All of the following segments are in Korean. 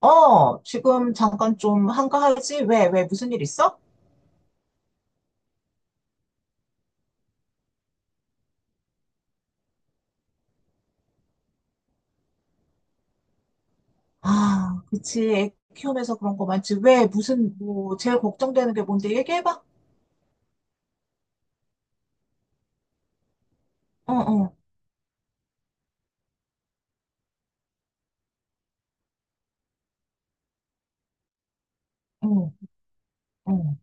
어, 지금 잠깐 좀 한가하지? 왜, 무슨 일 있어? 아, 그치. 애 키우면서 그런 거 많지. 왜, 무슨, 뭐, 제일 걱정되는 게 뭔데? 얘기해봐. 응, 응, 응, 응,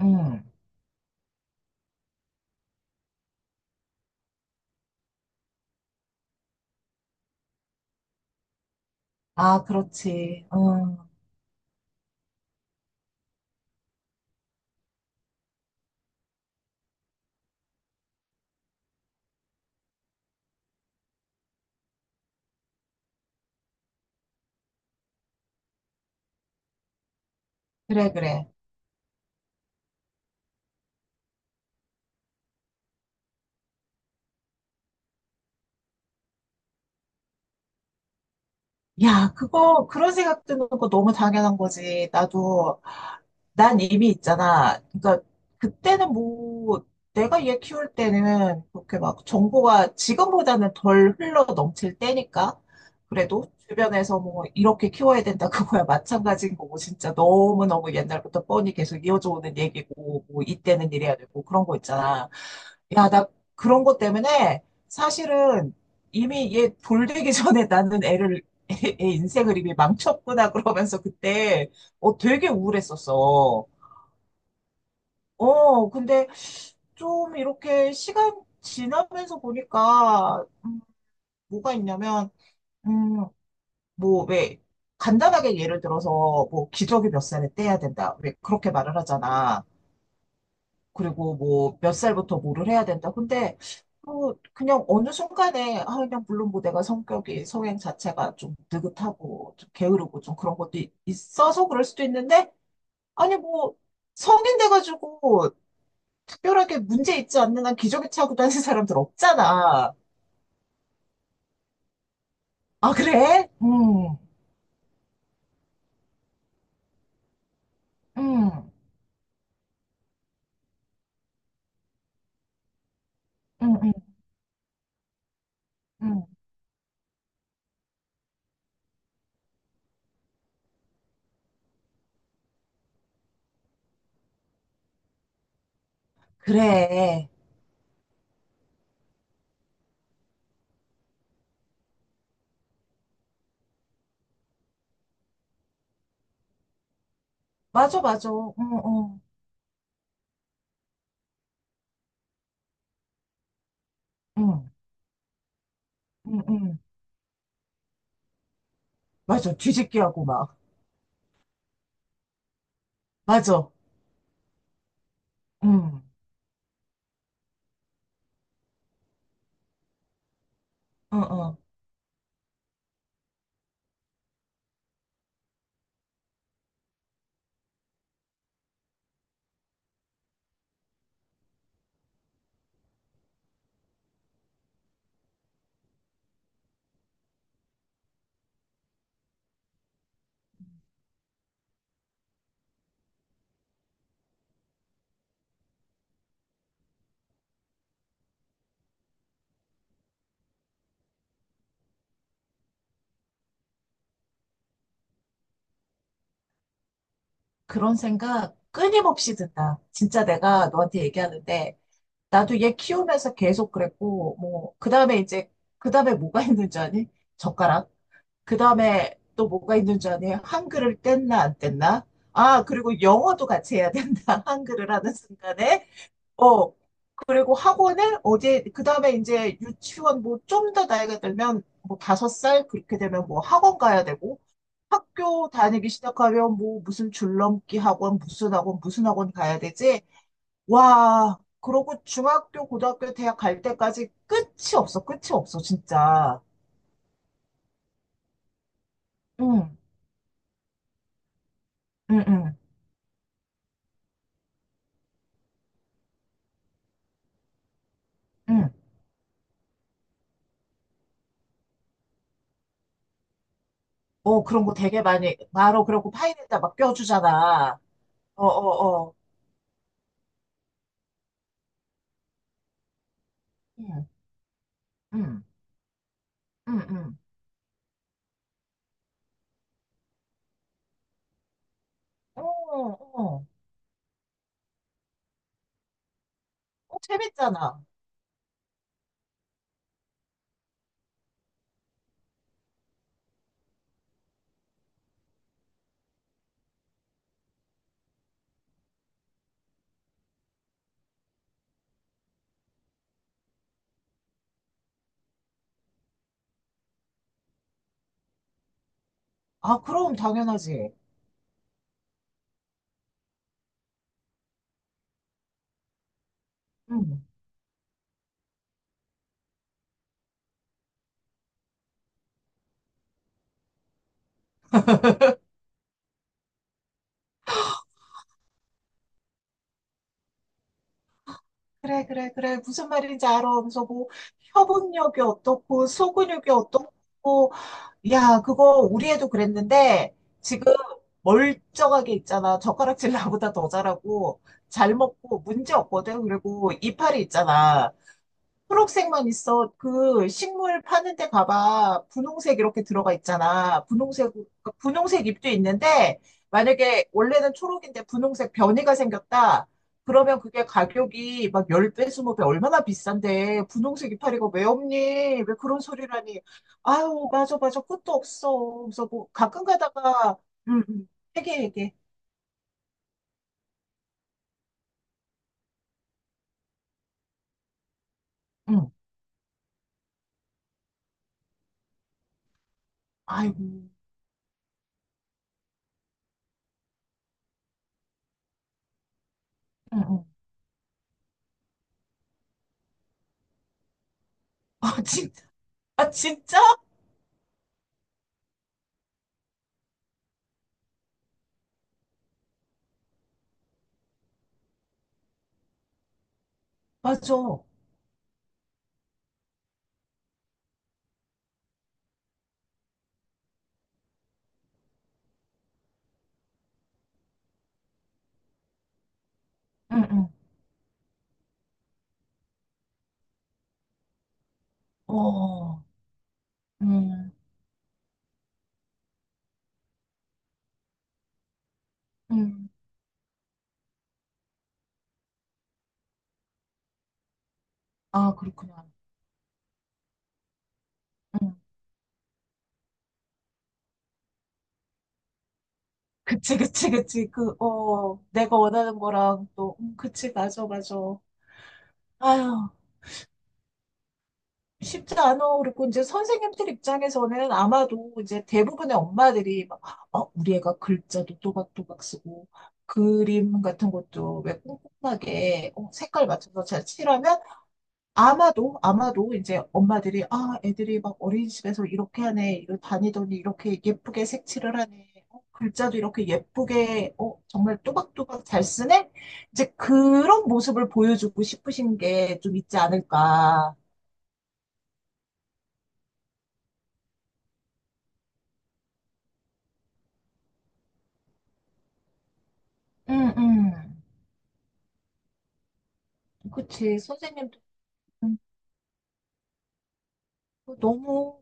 응. 아, 그렇지. 응. 그래, 그래. 야, 그거, 그런 생각 드는 거 너무 당연한 거지. 나도 난 이미 있잖아. 그러니까 그때는 뭐 내가 얘 키울 때는 그렇게 막 정보가 지금보다는 덜 흘러 넘칠 때니까 그래도 주변에서 뭐 이렇게 키워야 된다 그거야 마찬가지인 거고 진짜 너무너무 옛날부터 뻔히 계속 이어져 오는 얘기고 뭐 이때는 이래야 되고 그런 거 있잖아. 야, 나 그런 것 때문에 사실은 이미 얘 돌되기 전에 나는 애를 애 인생을 이미 망쳤구나 그러면서 그때 어, 되게 우울했었어. 어, 근데 좀 이렇게 시간 지나면서 보니까, 뭐가 있냐면, 음, 뭐, 왜, 간단하게 예를 들어서, 뭐, 기저귀 몇 살에 떼야 된다. 왜, 그렇게 말을 하잖아. 그리고 뭐, 몇 살부터 뭐를 해야 된다. 근데, 뭐, 그냥 어느 순간에, 아, 그냥 물론 뭐 내가 성격이, 성향 자체가 좀 느긋하고, 좀 게으르고, 좀 그런 것도 있어서 그럴 수도 있는데, 아니, 뭐, 성인 돼가지고, 특별하게 문제 있지 않는 한 기저귀 차고 다니는 사람들 없잖아. 아, 그래? 응, 응, 응, 응, 응, 그래. 맞아, 맞아. 응, 응, 응, 응, 응. 맞아. 뒤집기 하고 막. 맞아. 응, 응, 응. 그런 생각 끊임없이 든다. 진짜 내가 너한테 얘기하는데, 나도 얘 키우면서 계속 그랬고, 뭐, 그 다음에 이제, 그 다음에 뭐가 있는 줄 아니? 젓가락. 그 다음에 또 뭐가 있는 줄 아니? 한글을 뗐나 안 뗐나? 아, 그리고 영어도 같이 해야 된다. 한글을 하는 순간에. 어, 그리고 학원을 어디 그 다음에 이제 유치원 뭐 좀 더 나이가 들면 뭐 다섯 살 그렇게 되면 뭐 학원 가야 되고 학교 다니기 시작하면 뭐 무슨 줄넘기 학원, 무슨 학원, 무슨 학원 가야 되지? 와, 그러고 중학교, 고등학교, 대학 갈 때까지 끝이 없어. 끝이 없어, 진짜. 응, 응, 응. 응. 어, 그런 거 되게 많이, 마로 그러고 파인에다 막 껴주잖아. 어, 어, 어. 응, 응, 응, 응. 어, 어. 어, 재밌잖아. 아, 그럼 당연하지. 응. 그래, 그래, 그래. 무슨 말인지 알아. 하면서 뭐, 협응력이 어떻고, 소근육이 어떻고. 야, 그거 우리 애도 그랬는데, 지금 멀쩡하게 있잖아. 젓가락질 나보다 더 잘하고, 잘 먹고, 문제 없거든. 그리고 이파리 있잖아. 초록색만 있어. 그 식물 파는 데 가봐. 분홍색 이렇게 들어가 있잖아. 분홍색, 그 분홍색 잎도 있는데, 만약에 원래는 초록인데 분홍색 변이가 생겼다. 그러면 그게 가격이 막 10배, 20배 얼마나 비싼데, 분홍색 이파리가 왜 없니? 왜 그런 소리를 하니? 아유, 맞아, 맞아. 끝도 없어. 그래서 뭐, 가끔 가다가, 응, 응, 얘기해, 얘기해. 응, 아이고, 응, 응. 아, 진, 아, 진짜? 맞아. 응, 응. 어. 음, 음. 아, 그렇구나. 음. 그치, 그치, 그치. 그, 어, 내가 원하는 거랑 또, 그치, 맞아, 맞아. 아휴, 쉽지 않아. 그리고 이제 선생님들 입장에서는 아마도 이제 대부분의 엄마들이 막, 어, 우리 애가 글자도 또박또박 쓰고, 그림 같은 것도 왜 꼼꼼하게 어, 색깔 맞춰서 잘 칠하면 아마도, 아마도 이제 엄마들이, 아, 애들이 막 어린이집에서 이렇게 하네, 이렇게 다니더니 이렇게 예쁘게 색칠을 하네, 어, 글자도 이렇게 예쁘게, 어, 정말 또박또박 잘 쓰네? 이제 그런 모습을 보여주고 싶으신 게 좀 있지 않을까. 응, 응. 그치. 선생님도 너무,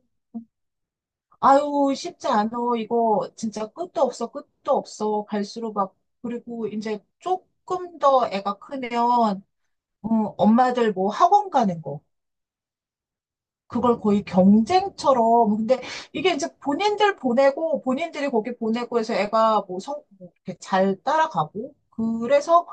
아유, 쉽지 않아. 이거 진짜 끝도 없어, 끝도 없어. 갈수록 막, 그리고 이제 조금 더 애가 크면, 엄마들 뭐 학원 가는 거. 그걸 거의 경쟁처럼. 근데 이게 이제 본인들 보내고, 본인들이 거기 보내고 해서 애가 뭐 성, 뭐 이렇게 잘 따라가고. 그래서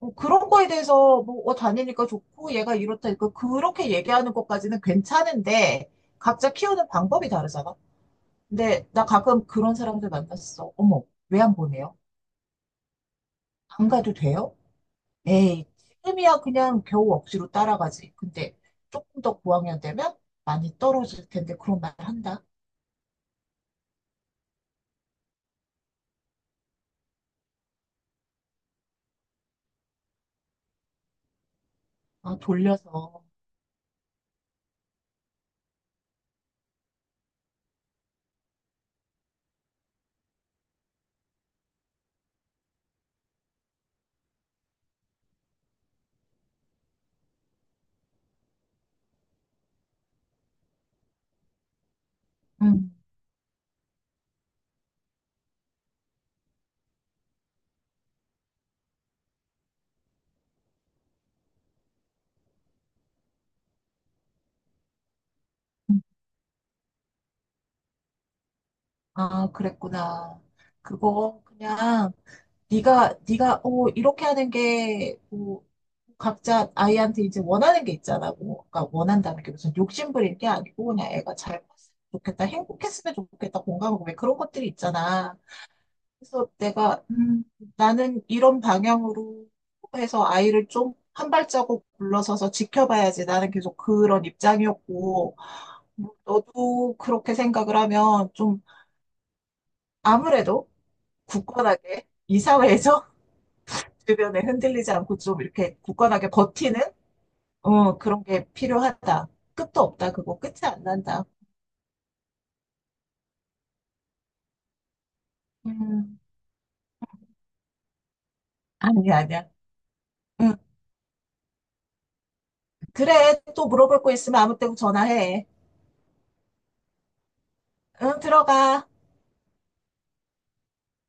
뭐 그런 거에 대해서 뭐 어, 다니니까 좋고, 얘가 이렇다. 니까 그렇게 얘기하는 것까지는 괜찮은데, 각자 키우는 방법이 다르잖아. 근데 나 가끔 그런 사람들 만났어. 어머, 왜 안 보내요? 안 가도 돼요? 에이, 지금이야 그냥 겨우 억지로 따라가지. 근데 조금 더 고학년 되면 많이 떨어질 텐데 그런 말 한다. 아, 돌려서. 음, 음. 아, 그랬구나. 그거 그냥 네가 어 이렇게 하는 게 뭐, 각자 아이한테 이제 원하는 게 있잖아. 뭐, 그러니까 원한다는 게 무슨 욕심 부릴 게 아니고 그냥 애가 잘 컸으면 좋겠다, 행복했으면 좋겠다, 공감하고 왜 그런 것들이 있잖아. 그래서 내가 나는 이런 방향으로 해서 아이를 좀 한 발자국 물러서서 지켜봐야지. 나는 계속 그런 입장이었고, 너도 그렇게 생각을 하면 좀 아무래도 굳건하게 이 사회에서 주변에 흔들리지 않고 좀 이렇게 굳건하게 버티는 어, 그런 게 필요하다. 끝도 없다. 그거 끝이 안 난다. 음, 아니야, 아니야. 응. 그래. 또 물어볼 거 있으면 아무 때고 전화해. 응, 들어가.